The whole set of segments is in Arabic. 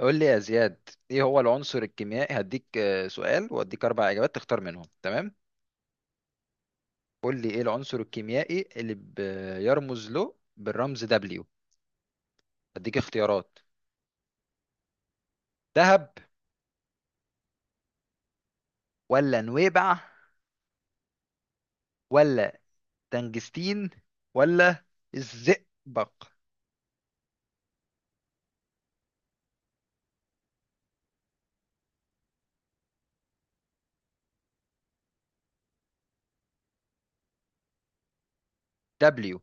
قول لي يا زياد ايه هو العنصر الكيميائي هديك سؤال واديك اربع اجابات تختار منهم. تمام؟ قول لي ايه العنصر الكيميائي اللي بيرمز له بالرمز دبليو. هديك اختيارات: ذهب، ولا نويبع، ولا تنجستين، ولا الزئبق. دبليو.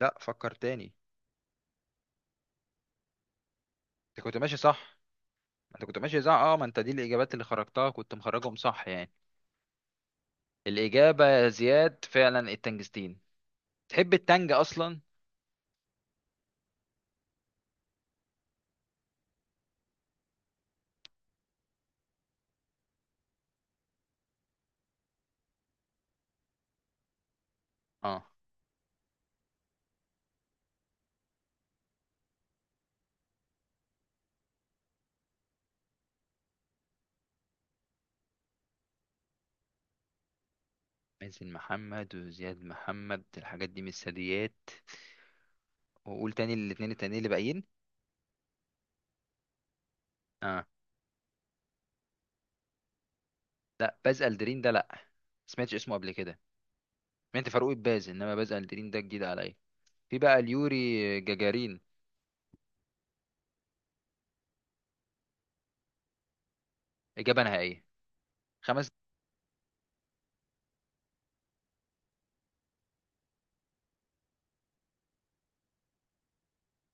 لا، فكر تاني. انت كنت ماشي صح. انت كنت ماشي صح، ما انت دي الاجابات اللي خرجتها، كنت مخرجهم صح يعني. الاجابه يا زياد فعلا التنجستين. تحب التنج اصلا؟ اه مازن محمد وزياد محمد الحاجات دي من الثدييات. وقول تاني الاتنين التانيين اللي باقيين. اه لا، باز الدرين ده لا، سمعتش اسمه قبل كده. سمعت فاروق باز، انما باز الدرين ده جديد عليا. في بقى اليوري جاجارين. اجابه نهائيه. خمس.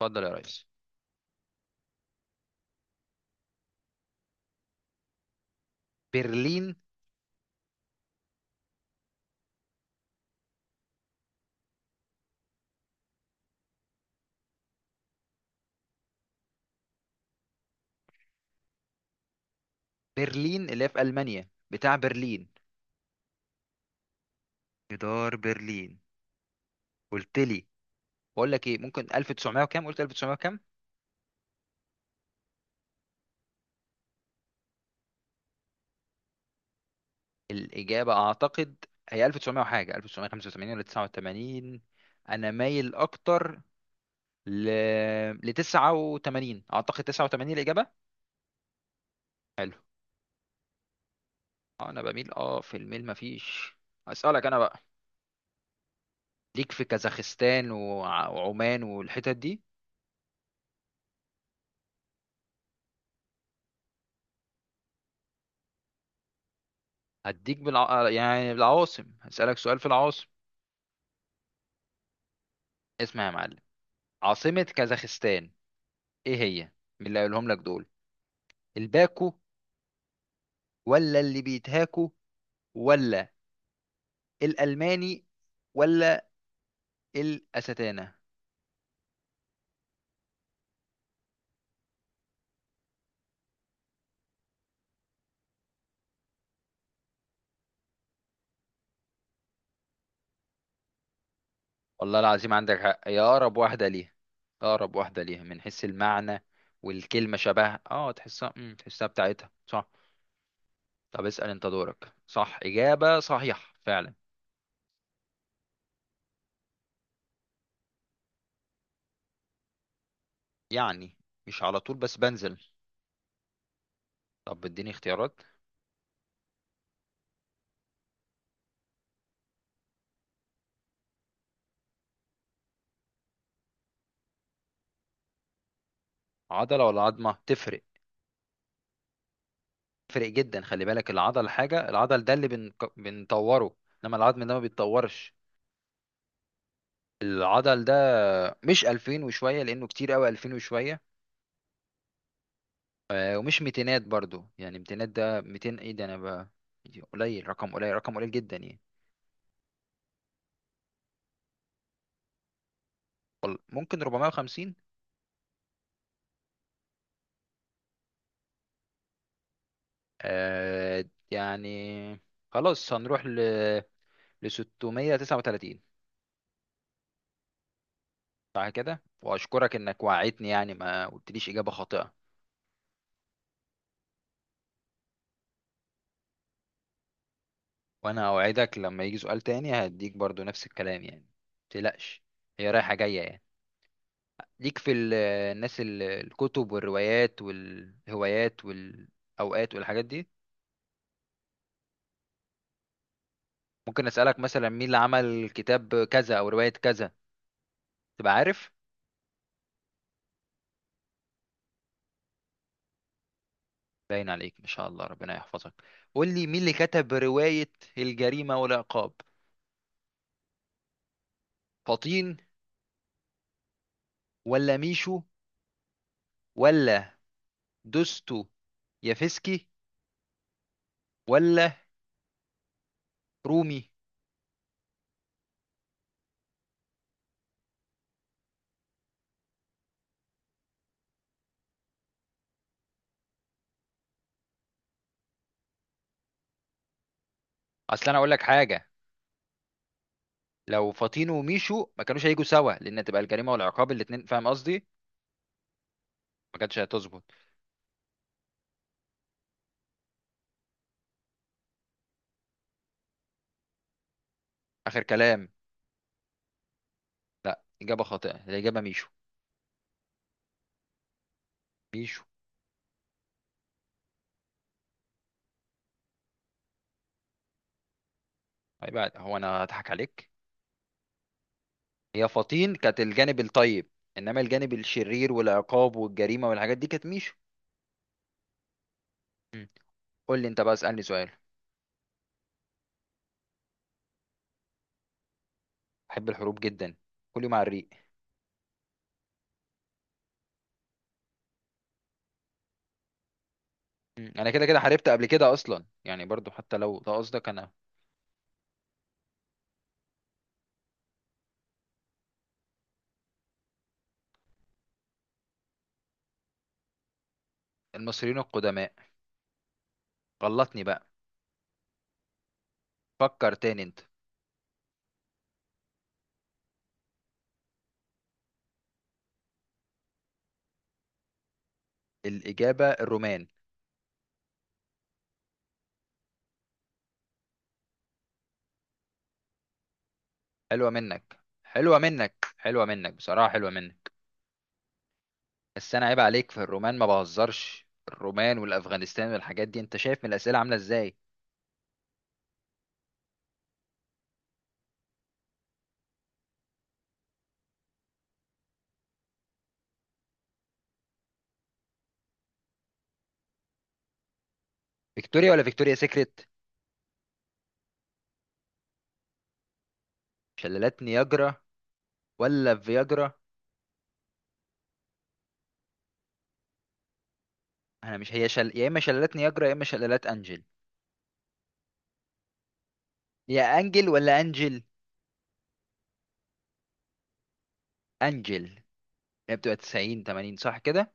اتفضل يا ريس. برلين؟ برلين اللي هي في المانيا، بتاع برلين. جدار برلين. قلت لي، بقول لك ايه ممكن 1900 وكام. قلت 1900 وكام. الإجابة أعتقد هي 1900 وحاجة، 1985 ولا 89. أنا مايل أكتر ل ل 89. أعتقد 89 الإجابة. حلو. أنا بميل في الميل مفيش. أسألك أنا بقى. ليك في كازاخستان وعمان والحتت دي؟ يعني بالعواصم هسألك سؤال في العواصم. اسمع يا معلم: عاصمة كازاخستان إيه هي؟ من اللي قايلهم لك دول؟ الباكو، ولا اللي بيتهاكو، ولا الألماني، ولا الأستانة؟ والله العظيم عندك حق، هي أقرب واحدة ليها. أقرب واحدة ليها من حيث المعنى. والكلمة شبهها، تحسها، تحسها بتاعتها صح. طب اسأل انت دورك. صح، إجابة صحيح فعلا. يعني مش على طول، بس بنزل. طب اديني اختيارات. عضلة ولا عظمة؟ تفرق. تفرق جدا. خلي بالك، العضل حاجة، العضل ده اللي بنطوره، انما العظم ده ما بيتطورش. العضل ده مش 2000 وشوية، لأنه كتير قوي 2000 وشوية. ومش ميتينات برضو. يعني ميتينات ده ميتين، ايه ده انا بقى! قليل، رقم قليل، رقم قليل جدا يعني. ممكن 450. آه يعني، خلاص هنروح ل 639. صح كده، واشكرك انك وعدتني يعني، ما قلتليش اجابة خاطئة. وانا اوعدك لما يجي سؤال تاني هديك برضو نفس الكلام يعني، متقلقش. هي رايحة جاية يعني. ليك في الناس، الكتب والروايات والهوايات والاوقات والحاجات دي؟ ممكن اسالك مثلا مين اللي عمل كتاب كذا او روايه كذا، تبقى عارف؟ باين عليك، ما شاء الله، ربنا يحفظك. قول لي مين اللي كتب روايه الجريمه والعقاب؟ فطين، ولا ميشو، ولا دوستو يافسكي، ولا رومي؟ اصل انا اقول لك حاجه: لو فطين وميشو ما كانوش هيجوا سوا، لان تبقى الجريمه والعقاب الاتنين، فاهم قصدي؟ ما كانتش هتظبط. اخر كلام؟ لا، اجابه خاطئه. الاجابه ميشو. ميشو. طيب، هو انا هضحك عليك؟ هي فطين كانت الجانب الطيب، انما الجانب الشرير والعقاب والجريمه والحاجات دي كانت ميشو. مم. قول لي انت بقى، اسالني سؤال. بحب الحروب جدا، كل يوم على الريق. مم. انا كده كده حاربت قبل كده اصلا يعني، برضو حتى لو ده قصدك انا. المصريين القدماء. غلطني بقى. فكر تاني انت. الاجابه الرومان. حلوه منك، حلوه منك، حلوه منك، بصراحه حلوه منك. بس انا عيب عليك في الرومان، ما بهزرش. الرومان والافغانستان والحاجات دي انت شايف من الاسئله عامله ازاي. فيكتوريا ولا فيكتوريا سيكريت؟ شلالات نياجرا ولا فياجرا؟ انا مش يا اما شلالات نياجرا يا اما شلالات انجل. يا انجل ولا انجل؟ انجل. هي بتبقى 90، 80، صح كده.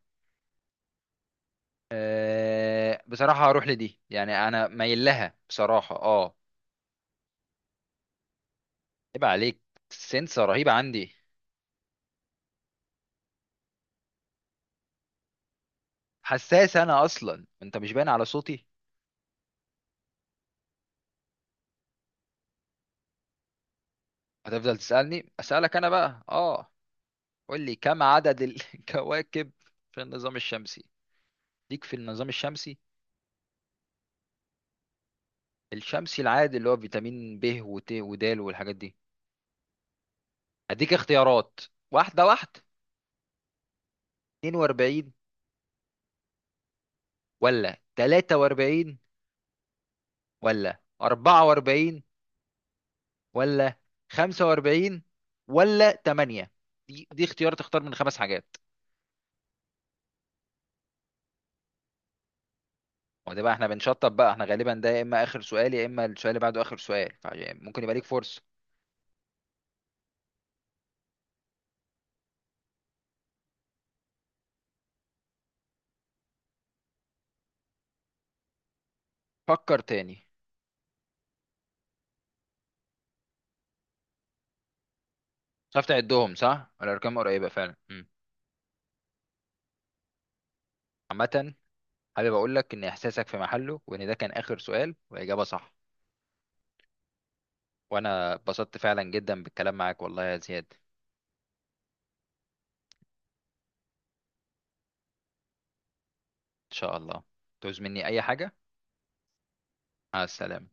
بصراحة هروح لدي، يعني انا مايل لها بصراحة، عيب عليك. السنسة رهيبة عندي. حساس انا اصلا، انت مش باين على صوتي؟ هتفضل تسألني، اسألك انا بقى قول لي كم عدد الكواكب في النظام الشمسي. ليك في النظام الشمسي؟ الشمسي العادي اللي هو فيتامين ب وت ودال والحاجات دي. اديك اختيارات واحده واحده: 42، ولا 43، ولا 44، ولا 45، ولا 8. دي دي اختيار، تختار من خمس حاجات. وده بقى احنا بنشطب بقى، احنا غالبا ده يا اما اخر سؤال يا اما السؤال اللي بعده اخر سؤال، فممكن يبقى ليك فرصه. فكر تاني. مش عارف تعدهم؟ صح، الارقام قريبه فعلا. مم. عامه، حابب اقول لك ان احساسك في محله، وان ده كان اخر سؤال، واجابه صح. وانا اتبسطت فعلا جدا بالكلام معاك والله يا زياد. شاء الله. تعوز مني أي حاجة. مع السلامة.